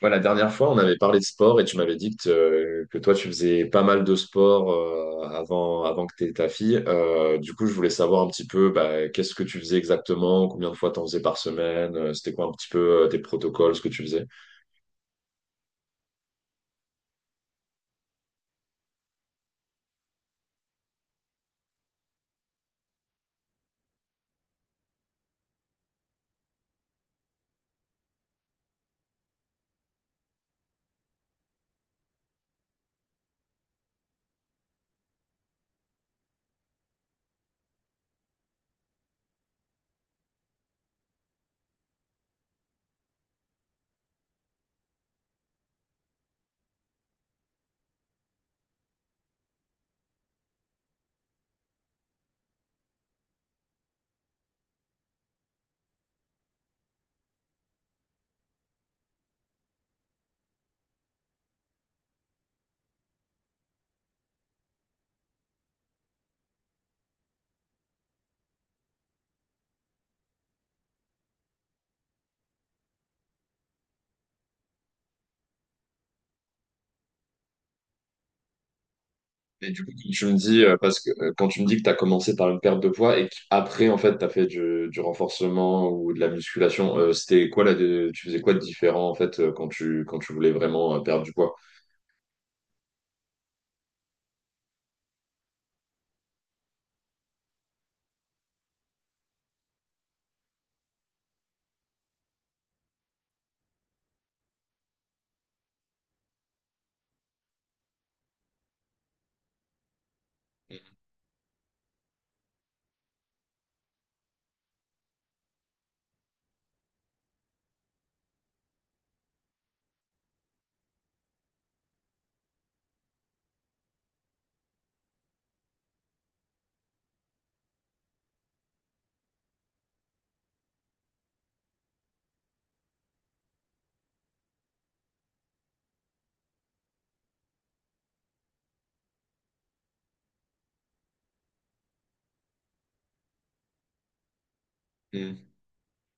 Ouais, la dernière fois, on avait parlé de sport et tu m'avais dit que toi, tu faisais pas mal de sport avant, avant que tu aies ta fille. Du coup, je voulais savoir un petit peu bah, qu'est-ce que tu faisais exactement, combien de fois tu en faisais par semaine, c'était quoi un petit peu tes protocoles, ce que tu faisais. Et du coup, quand tu me dis que tu as commencé par une perte de poids et qu'après, en fait, tu as fait du renforcement ou de la musculation, c'était quoi là, tu faisais quoi de différent en fait quand tu voulais vraiment perdre du poids?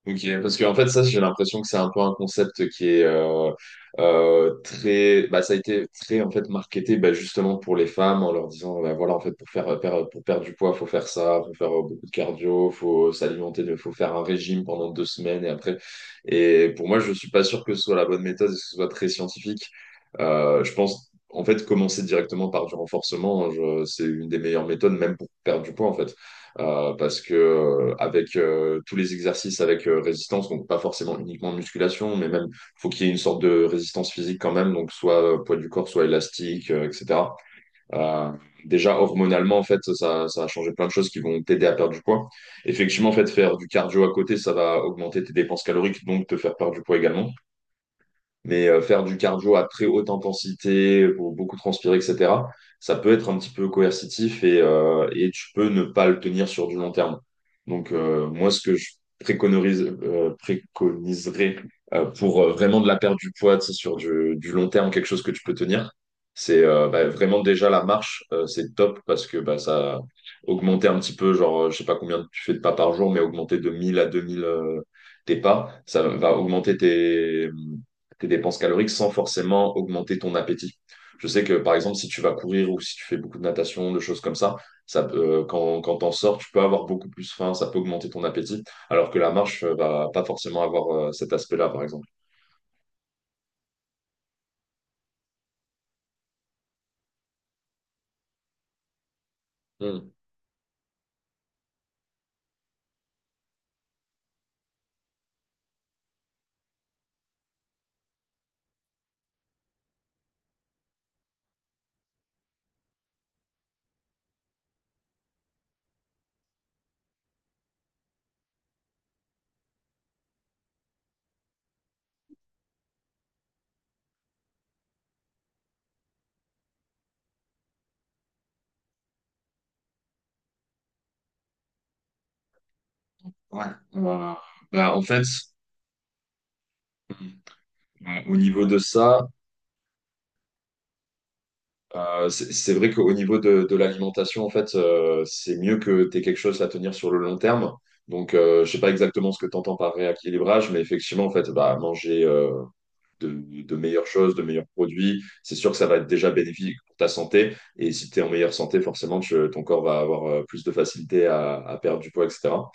Ok, parce qu'en fait, ça, j'ai l'impression que c'est un peu un concept qui est très, bah, ça a été très en fait marketé, bah, justement pour les femmes en leur disant, bah, voilà, en fait, pour perdre du poids, faut faire ça, faut faire beaucoup de cardio, faut faire un régime pendant deux semaines et après. Et pour moi, je suis pas sûr que ce soit la bonne méthode et que ce soit très scientifique. Je pense, en fait, commencer directement par du renforcement, hein, c'est une des meilleures méthodes, même pour perdre du poids, en fait. Parce que avec tous les exercices avec résistance, donc pas forcément uniquement de musculation, mais même faut qu'il y ait une sorte de résistance physique quand même, donc soit poids du corps, soit élastique, etc. Euh, Déjà hormonalement en fait, ça a changé plein de choses qui vont t'aider à perdre du poids. Effectivement, en fait, faire du cardio à côté, ça va augmenter tes dépenses caloriques, donc te faire perdre du poids également. Mais faire du cardio à très haute intensité, pour beaucoup transpirer, etc., ça peut être un petit peu coercitif et et tu peux ne pas le tenir sur du long terme. Donc, moi, ce que je préconiserais pour vraiment de la perte du poids, tu sais, sur du long terme, quelque chose que tu peux tenir, c'est bah, vraiment déjà la marche, c'est top parce que bah, ça augmenter un petit peu, genre, je sais pas combien tu fais de pas par jour, mais augmenter de 1000 à 2000 tes pas, ça va augmenter tes dépenses caloriques sans forcément augmenter ton appétit. Je sais que par exemple, si tu vas courir ou si tu fais beaucoup de natation, de choses comme ça, quand, quand t'en sors, tu peux avoir beaucoup plus faim, ça peut augmenter ton appétit, alors que la marche va pas forcément avoir cet aspect-là, par exemple. Hmm. Ouais. Euh, bah, en fait, au niveau de ça, c'est vrai qu'au niveau de l'alimentation, en fait, c'est mieux que tu aies quelque chose à tenir sur le long terme. Donc, je sais pas exactement ce que tu entends par rééquilibrage, mais effectivement, en fait, bah, manger, meilleures choses, de meilleurs produits. C'est sûr que ça va être déjà bénéfique pour ta santé. Et si tu es en meilleure santé, forcément, tu, ton corps va avoir plus de facilité à perdre du poids, etc.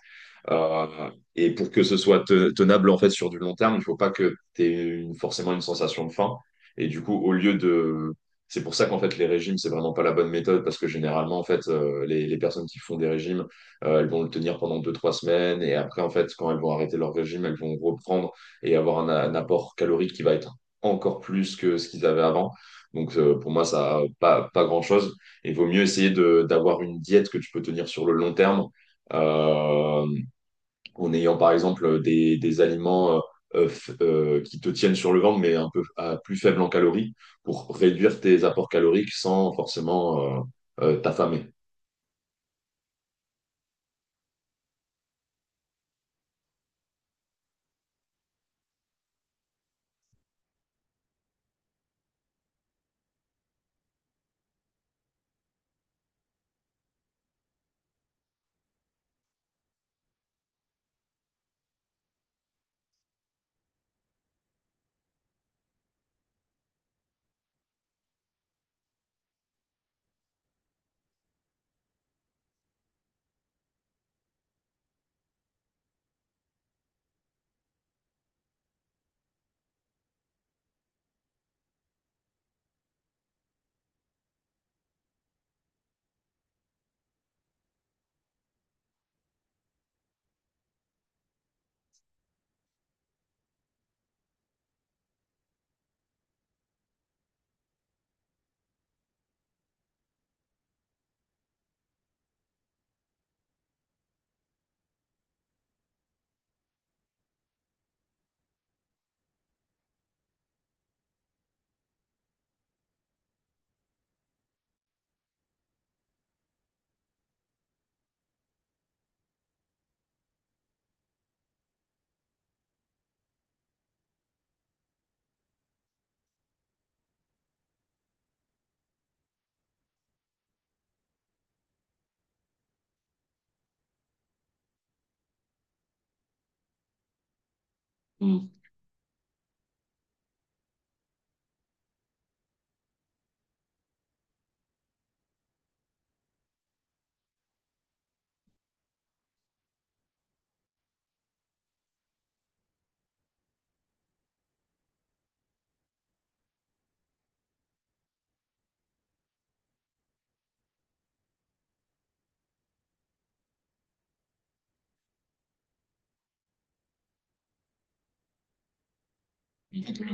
Euh, et pour que ce soit tenable en fait sur du long terme, il faut pas que tu aies forcément une sensation de faim. Et du coup, au lieu de... C'est pour ça qu'en fait les régimes, c'est vraiment pas la bonne méthode parce que généralement en fait les personnes qui font des régimes, elles vont le tenir pendant 2 à 3 semaines et après en fait quand elles vont arrêter leur régime, elles vont reprendre et avoir un apport calorique qui va être encore plus que ce qu'ils avaient avant. Donc pour moi ça a pas grand-chose. Il vaut mieux essayer de d'avoir une diète que tu peux tenir sur le long terme. Euh, En ayant par exemple des aliments qui te tiennent sur le ventre, mais un peu à plus faible en calories, pour réduire tes apports caloriques sans forcément t'affamer.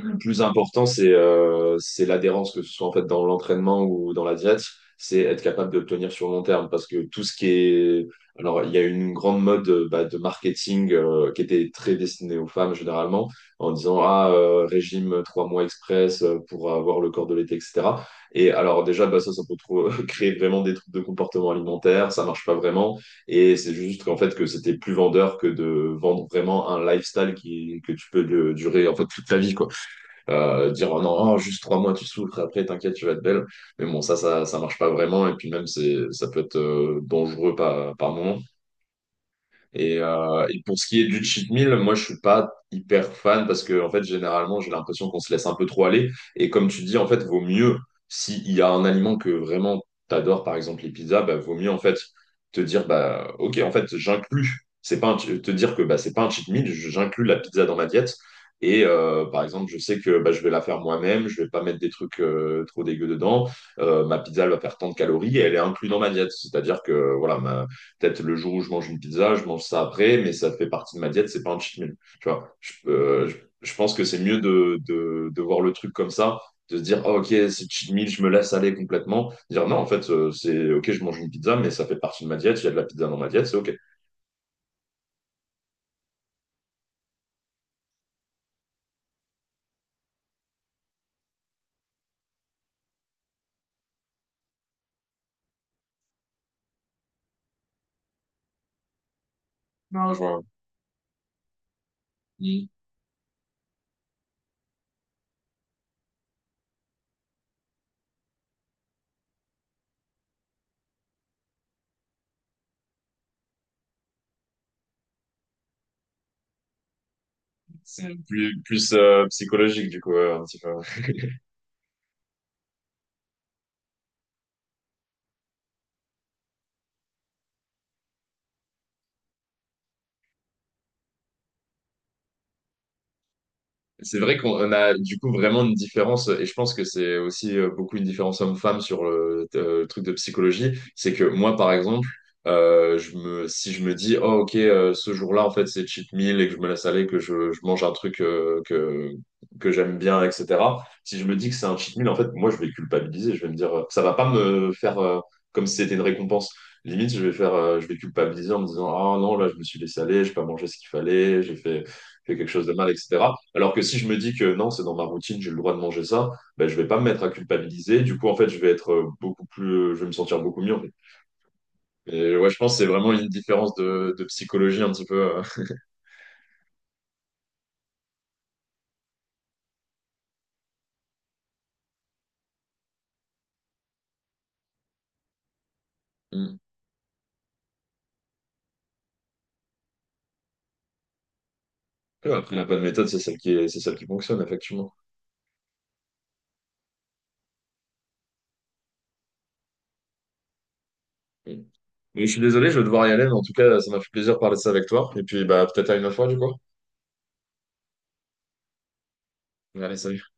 Le plus important, c'est l'adhérence, que ce soit en fait dans l'entraînement ou dans la diète, c'est être capable de le tenir sur le long terme. Parce que tout ce qui est. Alors, il y a une grande mode bah, de marketing qui était très destinée aux femmes généralement, en disant ah, régime 3 mois express pour avoir le corps de l'été, etc. Et alors, déjà, bah, ça peut créer vraiment des troubles de comportement alimentaire, ça marche pas vraiment. Et c'est juste qu'en fait, que c'était plus vendeur que de vendre vraiment un lifestyle qui, que tu peux durer en fait toute ta vie, quoi, dire oh non, oh, juste 3 mois tu souffres, après t'inquiète, tu vas être belle. Mais bon, ça marche pas vraiment. Et puis même, c'est, ça peut être dangereux par, par moment. Et et pour ce qui est du cheat meal, moi je suis pas hyper fan parce que en fait généralement j'ai l'impression qu'on se laisse un peu trop aller. Et comme tu dis, en fait, vaut mieux s'il y a un aliment que vraiment t'adores, par exemple les pizzas, bah, vaut mieux en fait te dire bah ok en fait j'inclus. C'est pas un ch- te dire que bah c'est pas un cheat meal, j'inclus la pizza dans ma diète. Et par exemple, je sais que bah, je vais la faire moi-même, je vais pas mettre des trucs trop dégueux dedans. Ma pizza elle va faire tant de calories et elle est inclue dans ma diète. C'est-à-dire que voilà, ma, Peut-être le jour où je mange une pizza, je mange ça après, mais ça fait partie de ma diète, c'est pas un cheat meal. Tu vois, je pense que c'est mieux de voir le truc comme ça, de se dire, ah, ok, c'est cheat meal, je me laisse aller complètement. Dire, non, en fait, c'est ok, je mange une pizza, mais ça fait partie de ma diète, il y a de la pizza dans ma diète, c'est ok. Non, je vois. Oui, c'est plus, plus psychologique, du coup, un petit peu. C'est vrai qu'on a du coup vraiment une différence, et je pense que c'est aussi beaucoup une différence homme-femme sur le truc de psychologie. C'est que moi, par exemple, si je me dis, oh ok, ce jour-là, en fait, c'est cheat meal et que je me laisse aller, je mange un truc que j'aime bien, etc. Si je me dis que c'est un cheat meal, en fait, moi, je vais culpabiliser. Je vais me dire, ça va pas me faire comme si c'était une récompense. Limite, je vais culpabiliser en me disant, ah non, là, je me suis laissé aller, j'ai pas mangé ce qu'il fallait, j'ai fait fait quelque chose de mal, etc. Alors que si je me dis que non, c'est dans ma routine, j'ai le droit de manger ça, ben, je vais pas me mettre à culpabiliser. Du coup, en fait, je vais être beaucoup plus, je vais me sentir beaucoup mieux en fait. Et ouais, je pense que c'est vraiment une différence de psychologie un petit peu. Mm. Ouais, après, la bonne méthode, c'est celle qui fonctionne, effectivement. Mm. Mais je suis désolé, je vais devoir y aller, mais en tout cas, ça m'a fait plaisir de parler de ça avec toi. Et puis, bah, peut-être à une autre fois, du coup. Allez, salut.